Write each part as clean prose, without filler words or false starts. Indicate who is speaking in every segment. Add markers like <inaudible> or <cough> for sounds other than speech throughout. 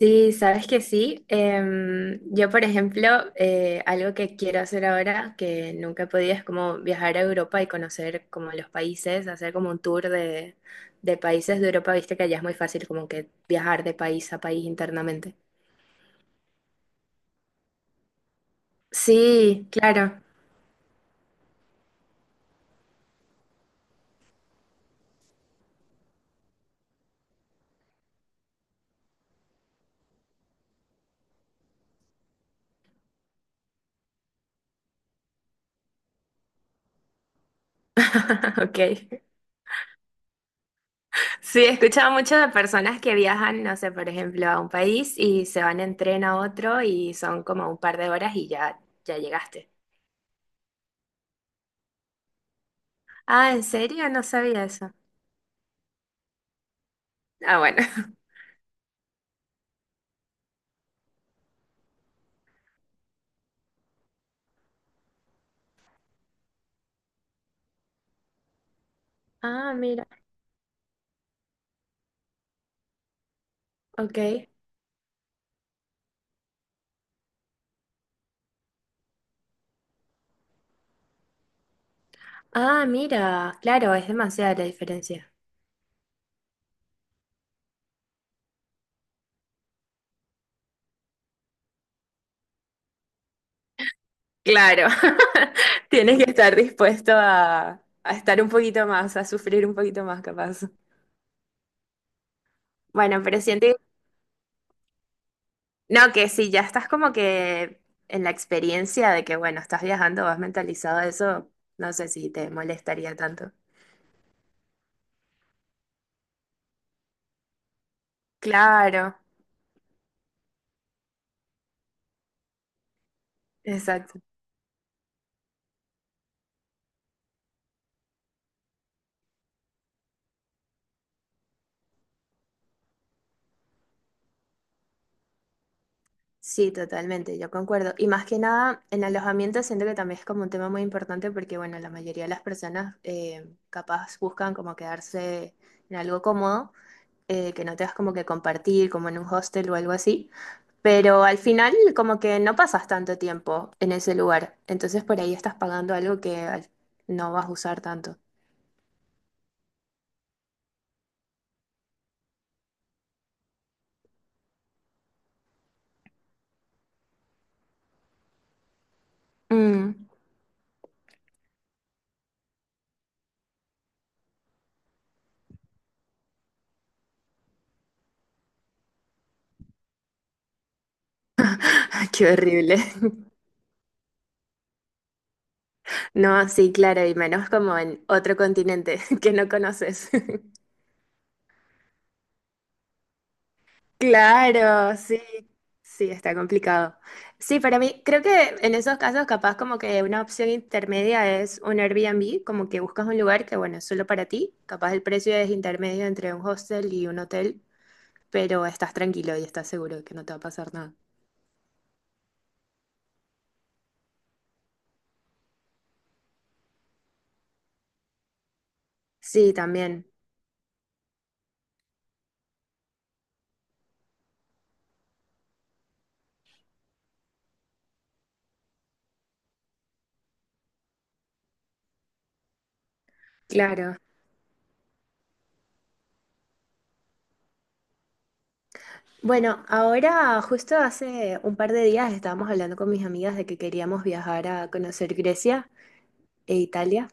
Speaker 1: Sí, sabes que sí. Yo, por ejemplo, algo que quiero hacer ahora, que nunca he podido, es como viajar a Europa y conocer como los países, hacer como un tour de países de Europa. Viste que allá es muy fácil como que viajar de país a país internamente. Sí, claro. <laughs> Ok. Sí, he escuchado mucho de personas que viajan, no sé, por ejemplo, a un país y se van en tren a otro y son como un par de horas y ya llegaste. Ah, ¿en serio? No sabía eso. Ah, bueno. Ah, mira, ok. Ah, mira, claro, es demasiada la diferencia. Claro, <laughs> tienes que estar dispuesto a estar un poquito más, a sufrir un poquito más, capaz. Bueno, pero siento, no, que si ya estás como que en la experiencia de que, bueno, estás viajando, vas mentalizado a eso, no sé si te molestaría tanto. Claro, exacto. Sí, totalmente, yo concuerdo. Y más que nada, en alojamiento siento que también es como un tema muy importante porque, bueno, la mayoría de las personas capaz buscan como quedarse en algo cómodo, que no tengas como que compartir, como en un hostel o algo así. Pero al final como que no pasas tanto tiempo en ese lugar. Entonces por ahí estás pagando algo que no vas a usar tanto. Mm, <laughs> qué horrible. <laughs> No, sí, claro, y menos como en otro continente <laughs> que no conoces. <laughs> Claro, sí, sí, está complicado. Sí, para mí, creo que en esos casos capaz como que una opción intermedia es un Airbnb, como que buscas un lugar que, bueno, es solo para ti, capaz el precio es intermedio entre un hostel y un hotel, pero estás tranquilo y estás seguro de que no te va a pasar nada. Sí, también, claro. Bueno, ahora justo hace un par de días estábamos hablando con mis amigas de que queríamos viajar a conocer Grecia e Italia.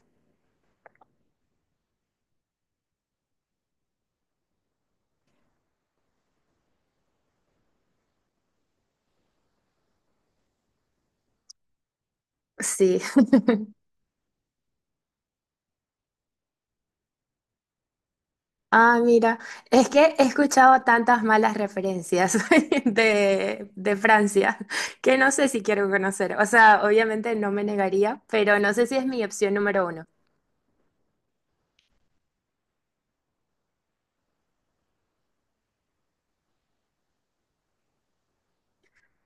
Speaker 1: Sí, <laughs> ah, mira, es que he escuchado tantas malas referencias <laughs> de Francia que no sé si quiero conocer. O sea, obviamente no me negaría, pero no sé si es mi opción número uno.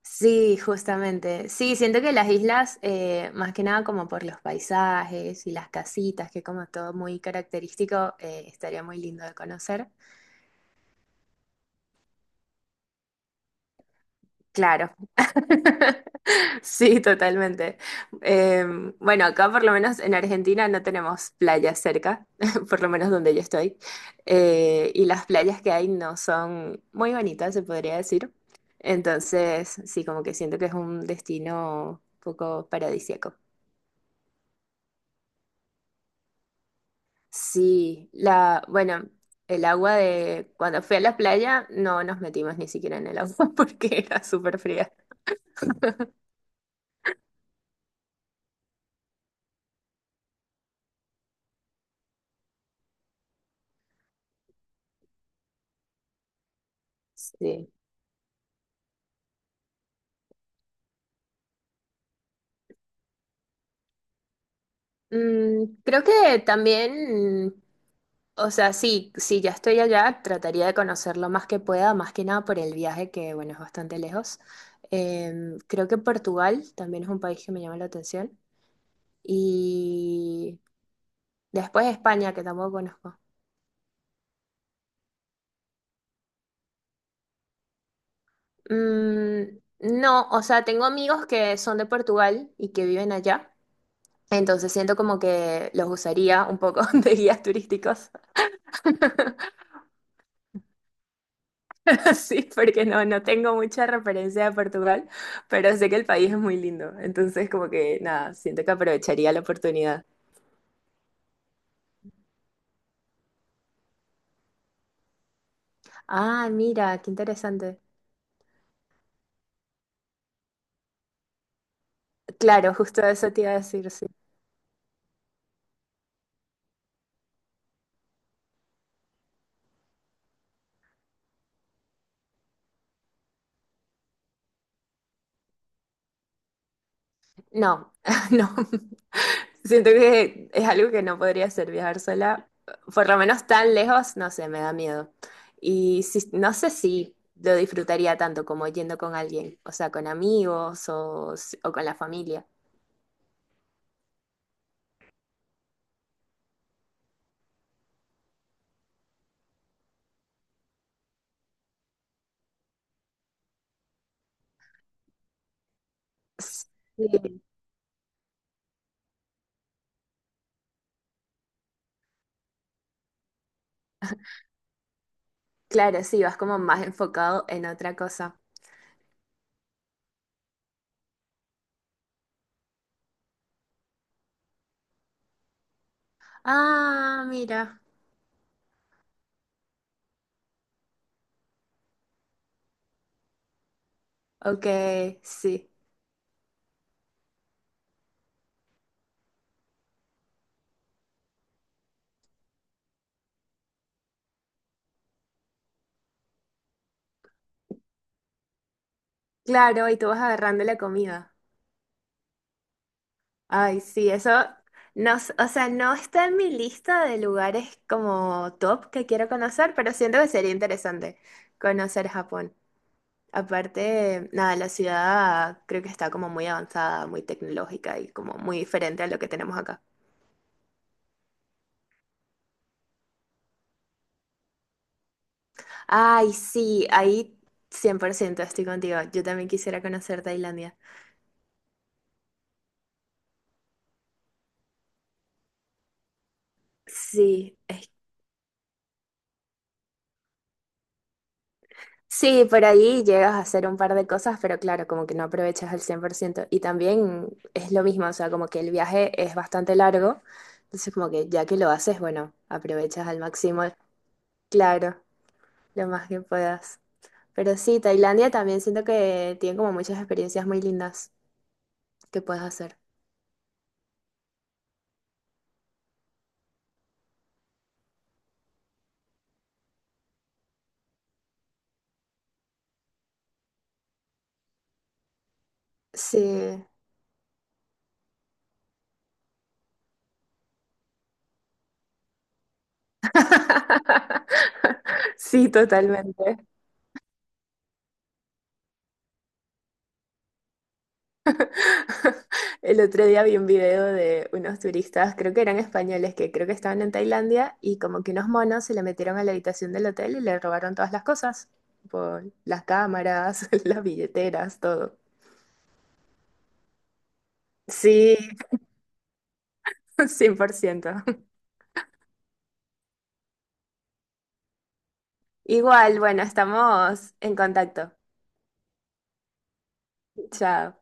Speaker 1: Sí, justamente. Sí, siento que las islas, más que nada como por los paisajes y las casitas, que como todo muy característico, estaría muy lindo de conocer. Claro. <laughs> Sí, totalmente. Eh, bueno, acá por lo menos en Argentina no tenemos playas cerca, <laughs> por lo menos donde yo estoy. Y las playas que hay no son muy bonitas, se podría decir. Entonces, sí, como que siento que es un destino un poco paradisíaco. Sí, bueno, el agua de cuando fui a la playa no nos metimos ni siquiera en el agua <laughs> porque era súper fría. Sí. Mm, creo que también o sea, sí, si ya estoy allá, trataría de conocer lo más que pueda, más que nada por el viaje, que bueno, es bastante lejos. Creo que Portugal también es un país que me llama la atención. Y después España, que tampoco conozco. Mm, no, o sea, tengo amigos que son de Portugal y que viven allá. Entonces siento como que los usaría un poco <laughs> de guías turísticos. <laughs> Sí, porque no tengo mucha referencia de Portugal, pero sé que el país es muy lindo. Entonces, como que nada, siento que aprovecharía la oportunidad. Ah, mira, qué interesante. Claro, justo eso te iba a decir, sí. No, <laughs> no. Siento que es algo que no podría hacer, viajar sola. Por lo menos tan lejos, no sé, me da miedo. Y no sé si lo disfrutaría tanto como yendo con alguien, o sea, con amigos o con la familia. Sí. Claro, sí, vas como más enfocado en otra cosa. Ah, mira. Ok, sí. Claro, y tú vas agarrando la comida. Ay, sí, eso no, o sea, no está en mi lista de lugares como top que quiero conocer, pero siento que sería interesante conocer Japón. Aparte, nada, la ciudad creo que está como muy avanzada, muy tecnológica y como muy diferente a lo que tenemos acá. Ay, sí, ahí 100% estoy contigo. Yo también quisiera conocer Tailandia. Sí, sí, por ahí llegas a hacer un par de cosas, pero claro, como que no aprovechas al 100%. Y también es lo mismo, o sea, como que el viaje es bastante largo, entonces como que ya que lo haces, bueno, aprovechas al máximo, claro, lo más que puedas. Pero sí, Tailandia también siento que tiene como muchas experiencias muy lindas que puedes hacer. Sí. <laughs> Sí, totalmente. El otro día vi un video de unos turistas, creo que eran españoles, que creo que estaban en Tailandia y como que unos monos se le metieron a la habitación del hotel y le robaron todas las cosas, tipo, las cámaras, <laughs> las billeteras, todo. Sí, <laughs> 100%. Igual, bueno, estamos en contacto. Chao.